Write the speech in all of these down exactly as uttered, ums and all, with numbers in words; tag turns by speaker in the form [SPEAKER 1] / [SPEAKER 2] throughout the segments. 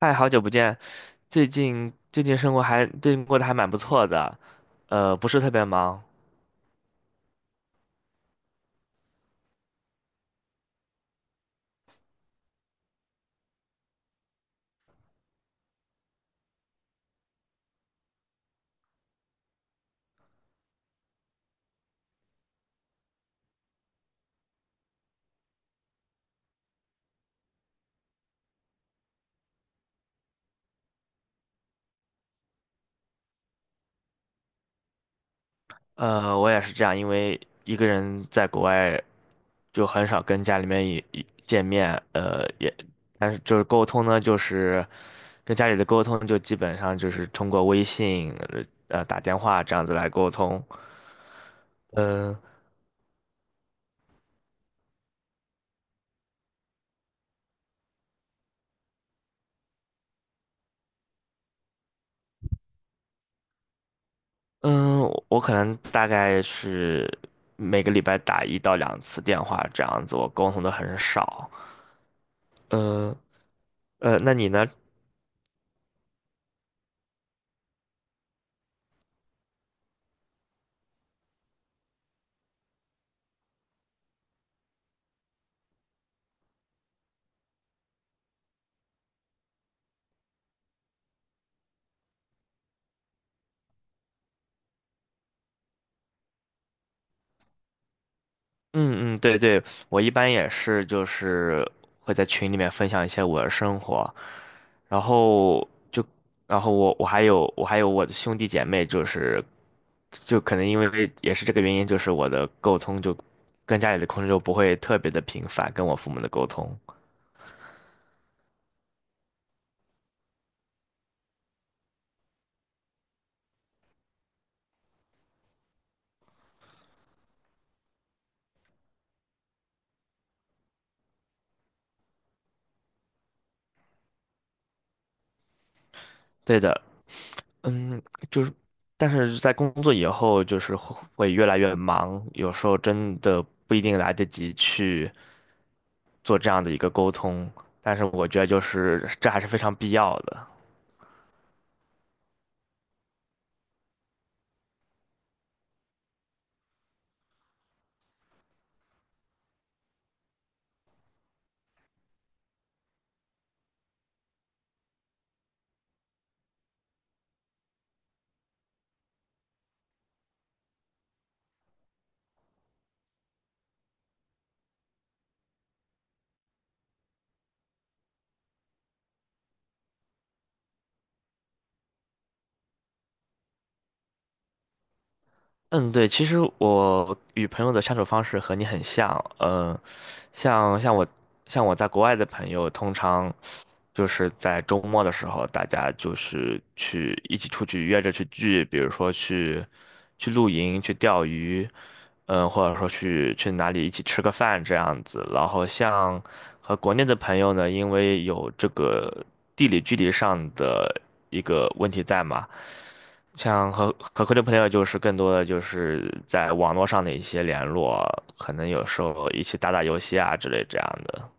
[SPEAKER 1] 嗨，好久不见，最近最近生活还最近过得还蛮不错的，呃，不是特别忙。呃，我也是这样，因为一个人在国外就很少跟家里面一一见面，呃，也，但是就是沟通呢，就是跟家里的沟通就基本上就是通过微信，呃，呃打电话这样子来沟通。嗯。嗯，我可能大概是每个礼拜打一到两次电话这样子，我沟通的很少。嗯，呃，那你呢？嗯嗯，对对，我一般也是，就是会在群里面分享一些我的生活，然后就，然后我我还有我还有我的兄弟姐妹，就是就可能因为也是这个原因，就是我的沟通就跟家里的沟通就不会特别的频繁，跟我父母的沟通。对的。嗯，就是，但是在工作以后，就是会会越来越忙，有时候真的不一定来得及去做这样的一个沟通，但是我觉得就是这还是非常必要的。嗯，对，其实我与朋友的相处方式和你很像。嗯，像像我像我在国外的朋友，通常就是在周末的时候，大家就是去一起出去约着去聚，比如说去去露营、去钓鱼。嗯，或者说去去哪里一起吃个饭这样子。然后像和国内的朋友呢，因为有这个地理距离上的一个问题在嘛，像和和国内朋友就是更多的就是在网络上的一些联络，可能有时候一起打打游戏啊之类这样的。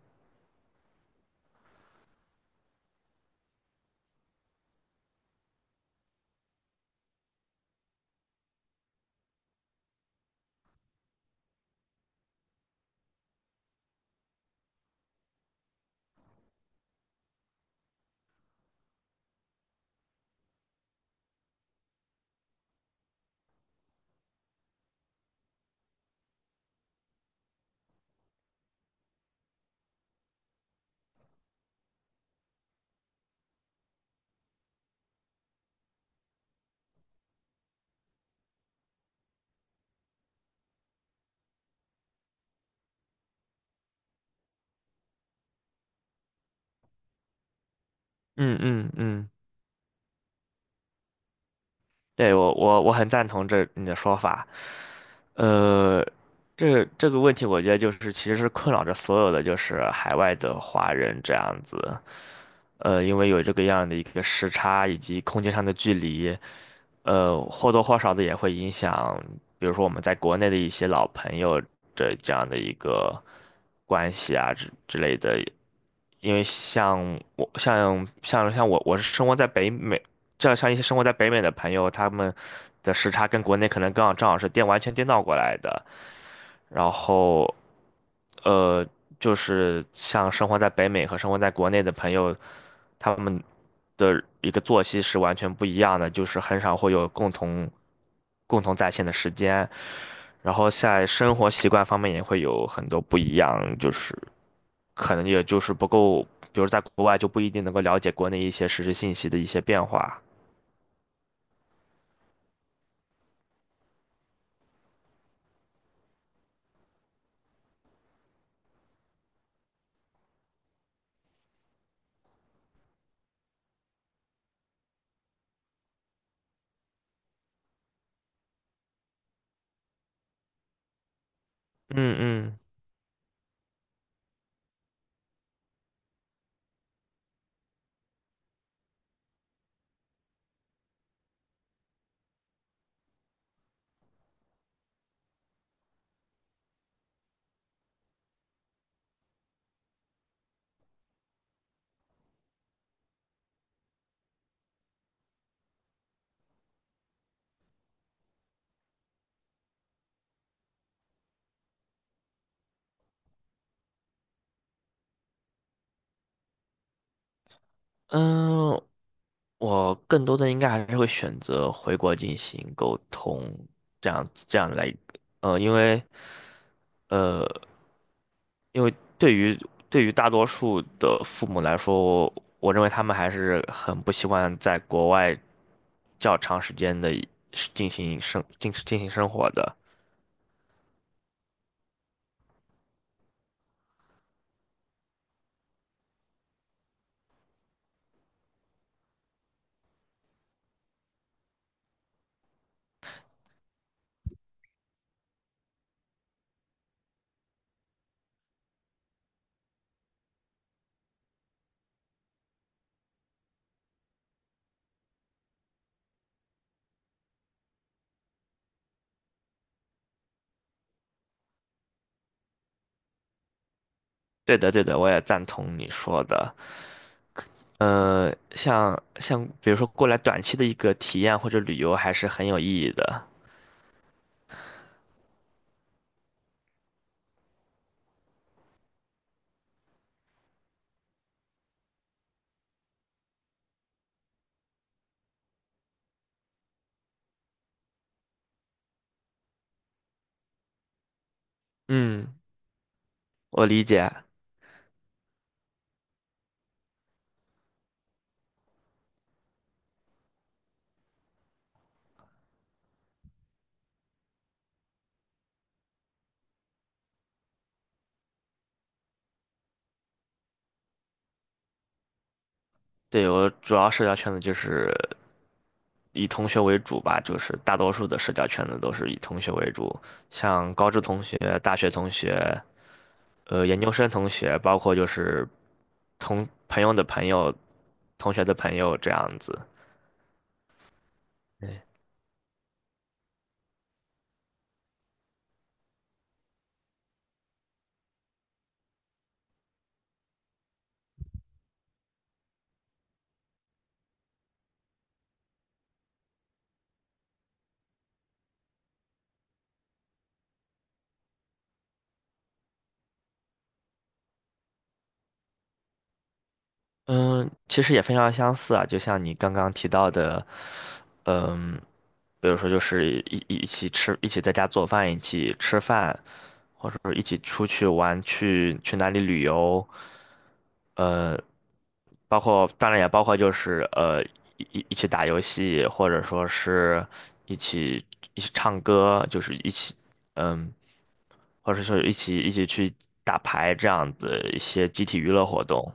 [SPEAKER 1] 嗯嗯嗯，对，我我我很赞同这你的说法。呃，这这个问题我觉得就是其实是困扰着所有的就是海外的华人这样子。呃，因为有这个样的一个时差以及空间上的距离，呃，或多或少的也会影响，比如说我们在国内的一些老朋友的这样的一个关系啊之之类的。因为像我像像像我我是生活在北美，这样像一些生活在北美的朋友，他们的时差跟国内可能刚好正好是颠完全颠倒过来的。然后呃，就是像生活在北美和生活在国内的朋友，他们的一个作息是完全不一样的，就是很少会有共同共同在线的时间。然后在生活习惯方面也会有很多不一样，就是可能也就是不够，比如在国外就不一定能够了解国内一些实时信息的一些变化。嗯嗯。嗯，我更多的应该还是会选择回国进行沟通，这样这样来。呃，因为呃，因为对于对于大多数的父母来说，我认为他们还是很不习惯在国外较长时间的进行生进进行生活的。对的，对的，我也赞同你说的。呃，像像比如说过来短期的一个体验或者旅游，还是很有意义的。嗯，我理解。对，我主要社交圈子就是以同学为主吧，就是大多数的社交圈子都是以同学为主，像高中同学、大学同学、呃研究生同学，包括就是同朋友的朋友、同学的朋友这样子。对。嗯，其实也非常相似啊，就像你刚刚提到的。嗯，比如说就是一一起吃，一起在家做饭，一起吃饭，或者说一起出去玩，去去哪里旅游。呃，包括当然也包括就是呃一一一起打游戏，或者说是一起一起唱歌，就是一起嗯，或者说一起一起去打牌这样子一些集体娱乐活动。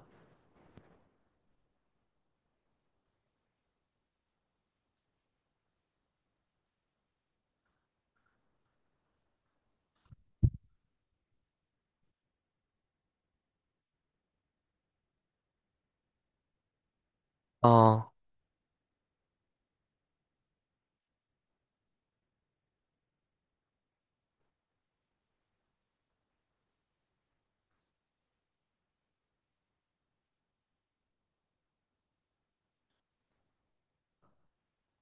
[SPEAKER 1] 哦。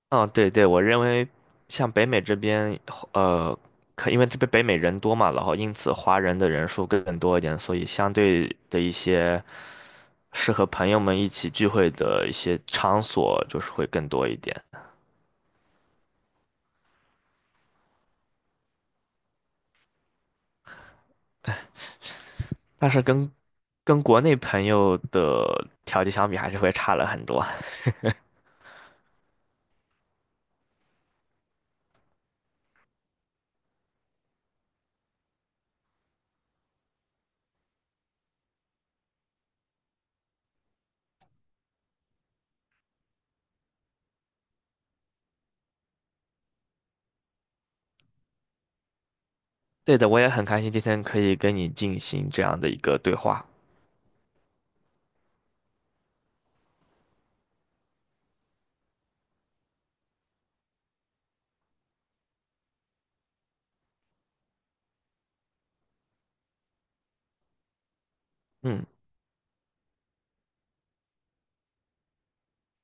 [SPEAKER 1] 哦，对对，我认为像北美这边，呃，可因为这边北美人多嘛，然后因此华人的人数更多一点，所以相对的一些适合朋友们一起聚会的一些场所就是会更多一点。但是跟跟国内朋友的条件相比，还是会差了很多。对的，我也很开心今天可以跟你进行这样的一个对话。嗯，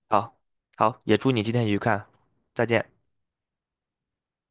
[SPEAKER 1] 好，好，也祝你今天愉快，再见。